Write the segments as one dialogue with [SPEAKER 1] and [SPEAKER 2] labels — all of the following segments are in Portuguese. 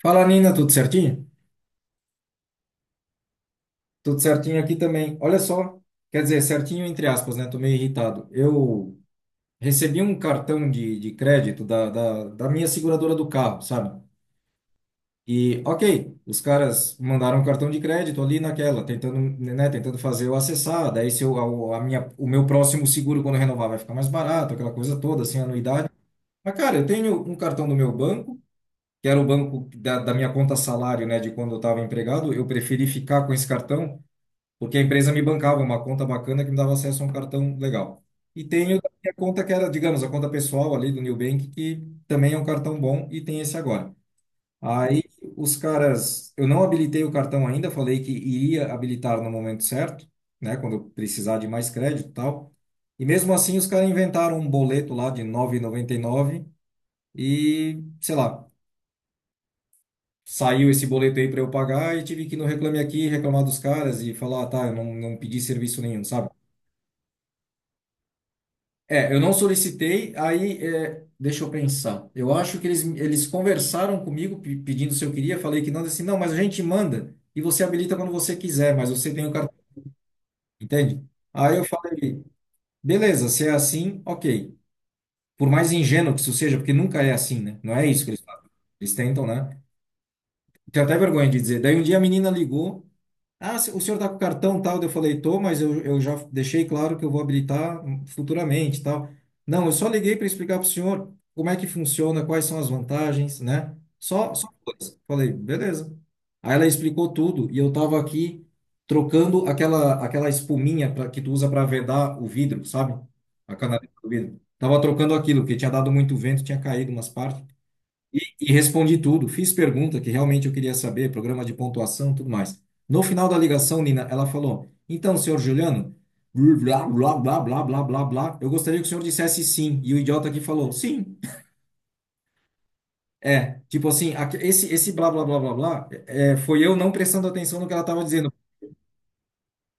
[SPEAKER 1] Fala, Nina, tudo certinho? Tudo certinho aqui também. Olha só, quer dizer, certinho entre aspas, né? Tô meio irritado. Eu recebi um cartão de crédito da minha seguradora do carro, sabe? E, ok, os caras mandaram um cartão de crédito ali naquela, tentando, né, tentando fazer eu acessar. Daí, se eu, a minha, o meu próximo seguro, quando renovar, vai ficar mais barato, aquela coisa toda, sem anuidade. Mas, cara, eu tenho um cartão do meu banco, que era o banco da minha conta salário, né, de quando eu estava empregado. Eu preferi ficar com esse cartão, porque a empresa me bancava uma conta bacana que me dava acesso a um cartão legal. E tenho a minha conta que era, digamos, a conta pessoal ali do Nubank, que também é um cartão bom e tem esse agora. Aí os caras, eu não habilitei o cartão ainda, falei que iria habilitar no momento certo, né, quando eu precisar de mais crédito e tal. E mesmo assim os caras inventaram um boleto lá de nove e, noventa e nove e, sei lá, saiu esse boleto aí para eu pagar e tive que ir no Reclame Aqui reclamar dos caras e falar, ah, tá, eu não pedi serviço nenhum, sabe? É, eu não solicitei, aí, é, deixa eu pensar. Eu acho que eles conversaram comigo pedindo se eu queria, falei que não, disse assim, não, mas a gente manda e você habilita quando você quiser, mas você tem o cartão, entende? Aí eu falei, beleza, se é assim, ok. Por mais ingênuo que isso seja, porque nunca é assim, né? Não é isso que eles fazem. Eles tentam, né? Tenho até vergonha de dizer. Daí um dia a menina ligou. Ah, o senhor está com cartão tal? Daí eu falei, tô, mas eu já deixei claro que eu vou habilitar futuramente tal. Não, eu só liguei para explicar para o senhor como é que funciona, quais são as vantagens, né? Só coisa. Falei, beleza. Aí ela explicou tudo e eu estava aqui trocando aquela espuminha que tu usa para vedar o vidro, sabe? A canaleta do vidro. Tava trocando aquilo, porque tinha dado muito vento, tinha caído umas partes. E respondi tudo, fiz pergunta que realmente eu queria saber, programa de pontuação, tudo mais. No final da ligação, Nina, ela falou: Então, senhor Juliano, blá, blá, blá, blá, blá, blá, blá, eu gostaria que o senhor dissesse sim. E o idiota aqui falou: Sim. É, tipo assim, esse blá, blá, blá, blá, blá, foi eu não prestando atenção no que ela estava dizendo,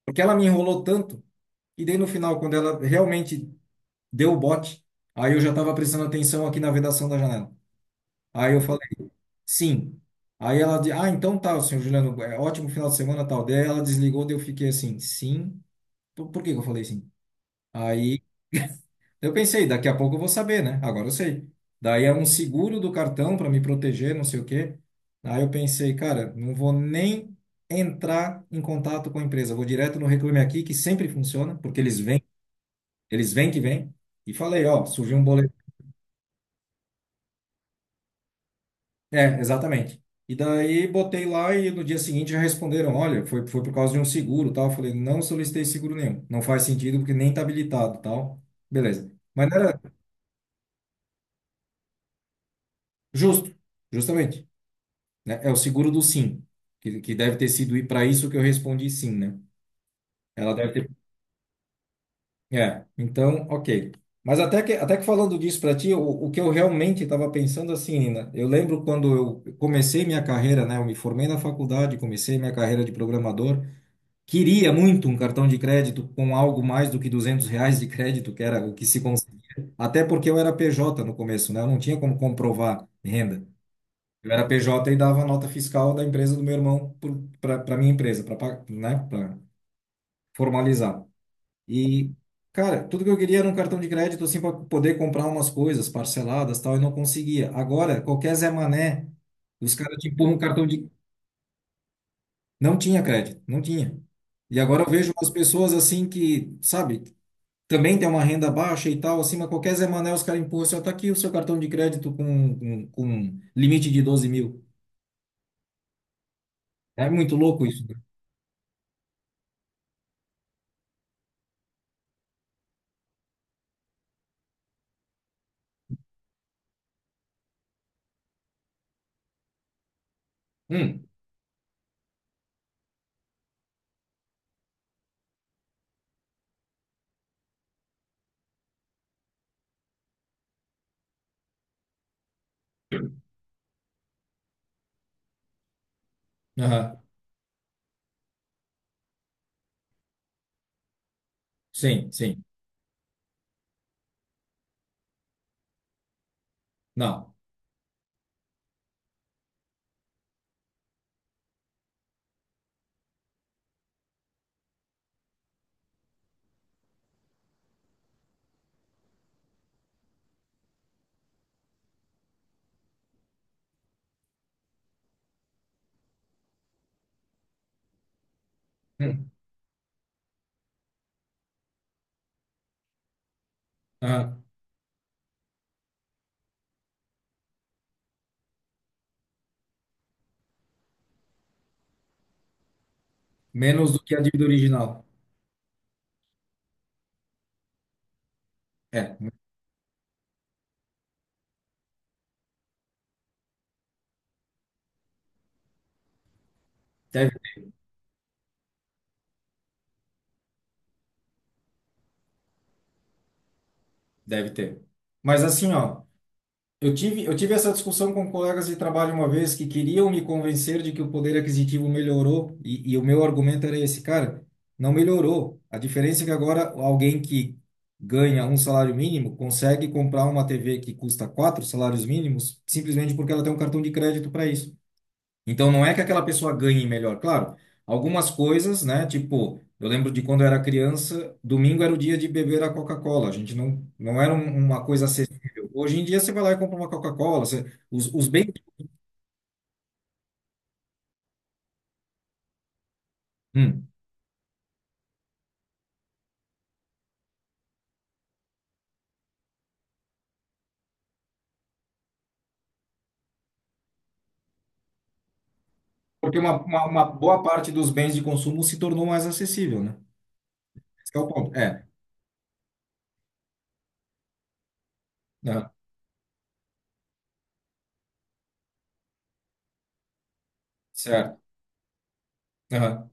[SPEAKER 1] porque ela me enrolou tanto, e daí no final, quando ela realmente deu o bote, aí eu já estava prestando atenção aqui na vedação da janela. Aí eu falei, sim. Aí ela disse, ah, então tá, senhor Juliano, é ótimo final de semana, tal. Daí ela desligou, daí eu fiquei assim, sim. Por que que eu falei sim? Aí eu pensei, daqui a pouco eu vou saber, né? Agora eu sei. Daí é um seguro do cartão para me proteger, não sei o quê. Aí eu pensei, cara, não vou nem entrar em contato com a empresa, vou direto no Reclame Aqui, que sempre funciona, porque eles vêm que vêm. E falei, ó, surgiu um boleto. É, exatamente. E daí botei lá e no dia seguinte já responderam, olha, foi por causa de um seguro, tal. Eu falei, não solicitei seguro nenhum. Não faz sentido porque nem tá habilitado, tal. Beleza. Mas não era justo, justamente, né? É o seguro do sim, que deve ter sido para isso que eu respondi sim, né? Ela deve ter... É, então, ok. Mas até que falando disso para ti, o que eu realmente estava pensando assim, Nina, eu lembro quando eu comecei minha carreira, né? Eu me formei na faculdade, comecei minha carreira de programador. Queria muito um cartão de crédito com algo mais do que 200 reais de crédito, que era o que se conseguia. Até porque eu era PJ no começo, né? Eu não tinha como comprovar renda. Eu era PJ e dava a nota fiscal da empresa do meu irmão para minha empresa, para, né? Para formalizar. E, cara, tudo que eu queria era um cartão de crédito, assim, para poder comprar umas coisas parceladas, tal, e não conseguia. Agora, qualquer Zé Mané, os caras te empurram um cartão de... Não tinha crédito, não tinha. E agora eu vejo umas pessoas assim que, sabe, também tem uma renda baixa e tal, assim mas qualquer Zé Mané, os caras empurram, assim, ó, tá aqui o seu cartão de crédito com um limite de 12 mil. É muito louco isso, cara. Hum, aham, sim, sim. Não. Hum, aham. Menos do que a dívida original. É, deve, deve ter. Mas assim, ó, eu tive essa discussão com colegas de trabalho uma vez que queriam me convencer de que o poder aquisitivo melhorou, e o meu argumento era esse, cara, não melhorou. A diferença é que agora alguém que ganha um salário mínimo consegue comprar uma TV que custa quatro salários mínimos simplesmente porque ela tem um cartão de crédito para isso. Então não é que aquela pessoa ganhe melhor, claro. Algumas coisas, né? Tipo, eu lembro de quando eu era criança, domingo era o dia de beber a Coca-Cola. A gente não era uma coisa acessível. Hoje em dia você vai lá e compra uma Coca-Cola, você- os bens... Hum. Porque uma boa parte dos bens de consumo se tornou mais acessível, né? Esse que é o ponto. É, aham, certo, aham.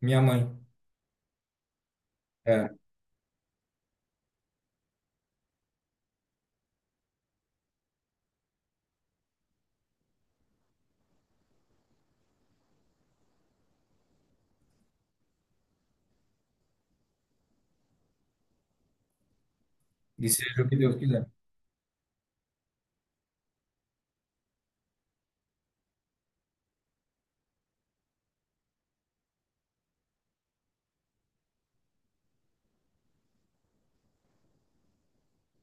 [SPEAKER 1] Minha mãe, é, e seja o que Deus quiser.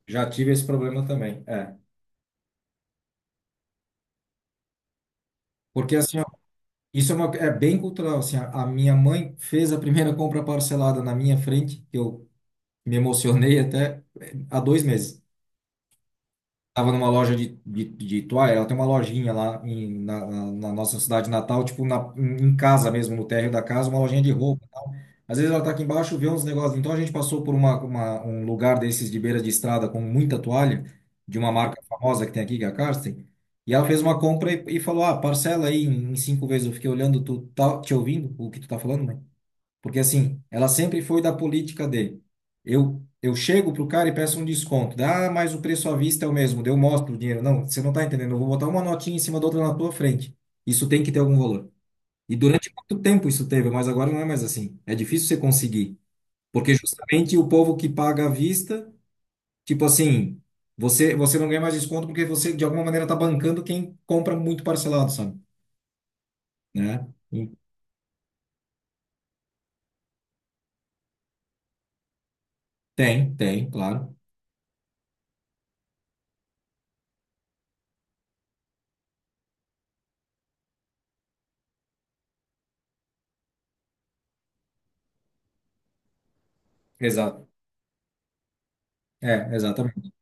[SPEAKER 1] Já tive esse problema também. É. Porque assim, isso é bem cultural, assim, a minha mãe fez a primeira compra parcelada na minha frente. Eu me emocionei até há 2 meses. Tava numa loja de toalha, ela tem uma lojinha lá na nossa cidade natal, tipo na, em em casa mesmo, no térreo da casa, uma lojinha de roupa e tal. Às vezes ela tá aqui embaixo, vê uns negócios. Então a gente passou por um lugar desses de beira de estrada com muita toalha, de uma marca famosa que tem aqui, que é a Karsten, e ela fez uma compra e falou: Ah, parcela aí em cinco vezes. Eu fiquei olhando, tu tá te ouvindo o que tu tá falando, mãe? Porque assim, ela sempre foi da política de eu chego pro cara e peço um desconto. Dá, ah, mas o preço à vista é o mesmo. Daí eu mostro o dinheiro. Não, você não tá entendendo. Eu vou botar uma notinha em cima da outra na tua frente. Isso tem que ter algum valor. E durante muito tempo isso teve, mas agora não é mais assim. É difícil você conseguir, porque justamente o povo que paga à vista, tipo assim, você não ganha mais desconto porque você de alguma maneira tá bancando quem compra muito parcelado, sabe? Né? E tem, tem, claro. Exato. É, exatamente.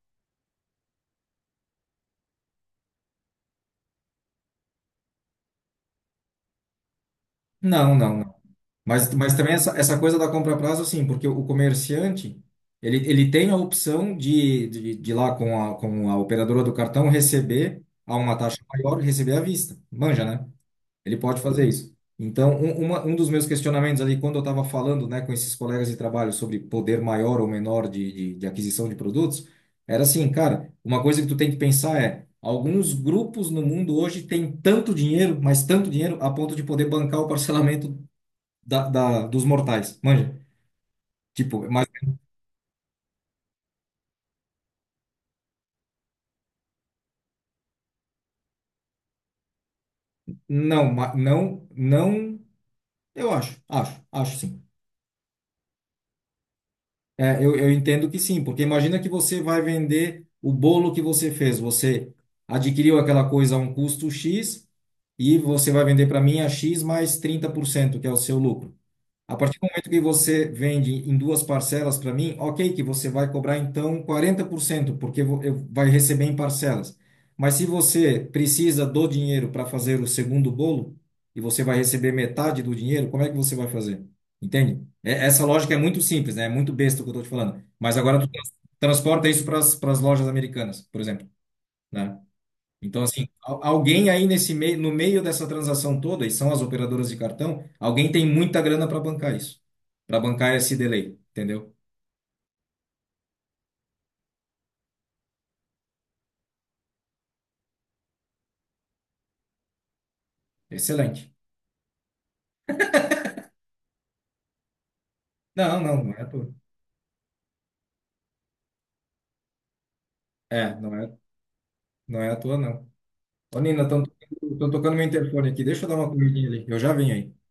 [SPEAKER 1] Não, não, não. Mas também essa coisa da compra a prazo, sim, porque o comerciante, ele tem a opção de ir lá com a operadora do cartão, receber a uma taxa maior e receber à vista. Manja, né? Ele pode fazer isso. Então, um dos meus questionamentos ali, quando eu estava falando, né, com esses colegas de trabalho sobre poder maior ou menor de aquisição de produtos, era assim, cara, uma coisa que tu tem que pensar é, alguns grupos no mundo hoje têm tanto dinheiro, mas tanto dinheiro, a ponto de poder bancar o parcelamento dos mortais, manja. Tipo, mas não, não, eu acho sim. É, eu entendo que sim, porque imagina que você vai vender o bolo que você fez, você adquiriu aquela coisa a um custo X e você vai vender para mim a X mais 30%, que é o seu lucro. A partir do momento que você vende em duas parcelas para mim, ok, que você vai cobrar então 40%, porque eu vai receber em parcelas. Mas se você precisa do dinheiro para fazer o segundo bolo e você vai receber metade do dinheiro, como é que você vai fazer? Entende? Essa lógica é muito simples, né? É muito besta o que eu estou te falando. Mas agora tu transporta isso para as lojas americanas, por exemplo, né? Então, assim, alguém aí nesse meio, no meio dessa transação toda, e são as operadoras de cartão, alguém tem muita grana para bancar isso, para bancar esse delay, entendeu? Excelente. Não, não, não é à toa. É, não é, não é à toa, não. Ô, Nina, estão tocando meu interfone aqui. Deixa eu dar uma corridinha ali. Eu já venho aí.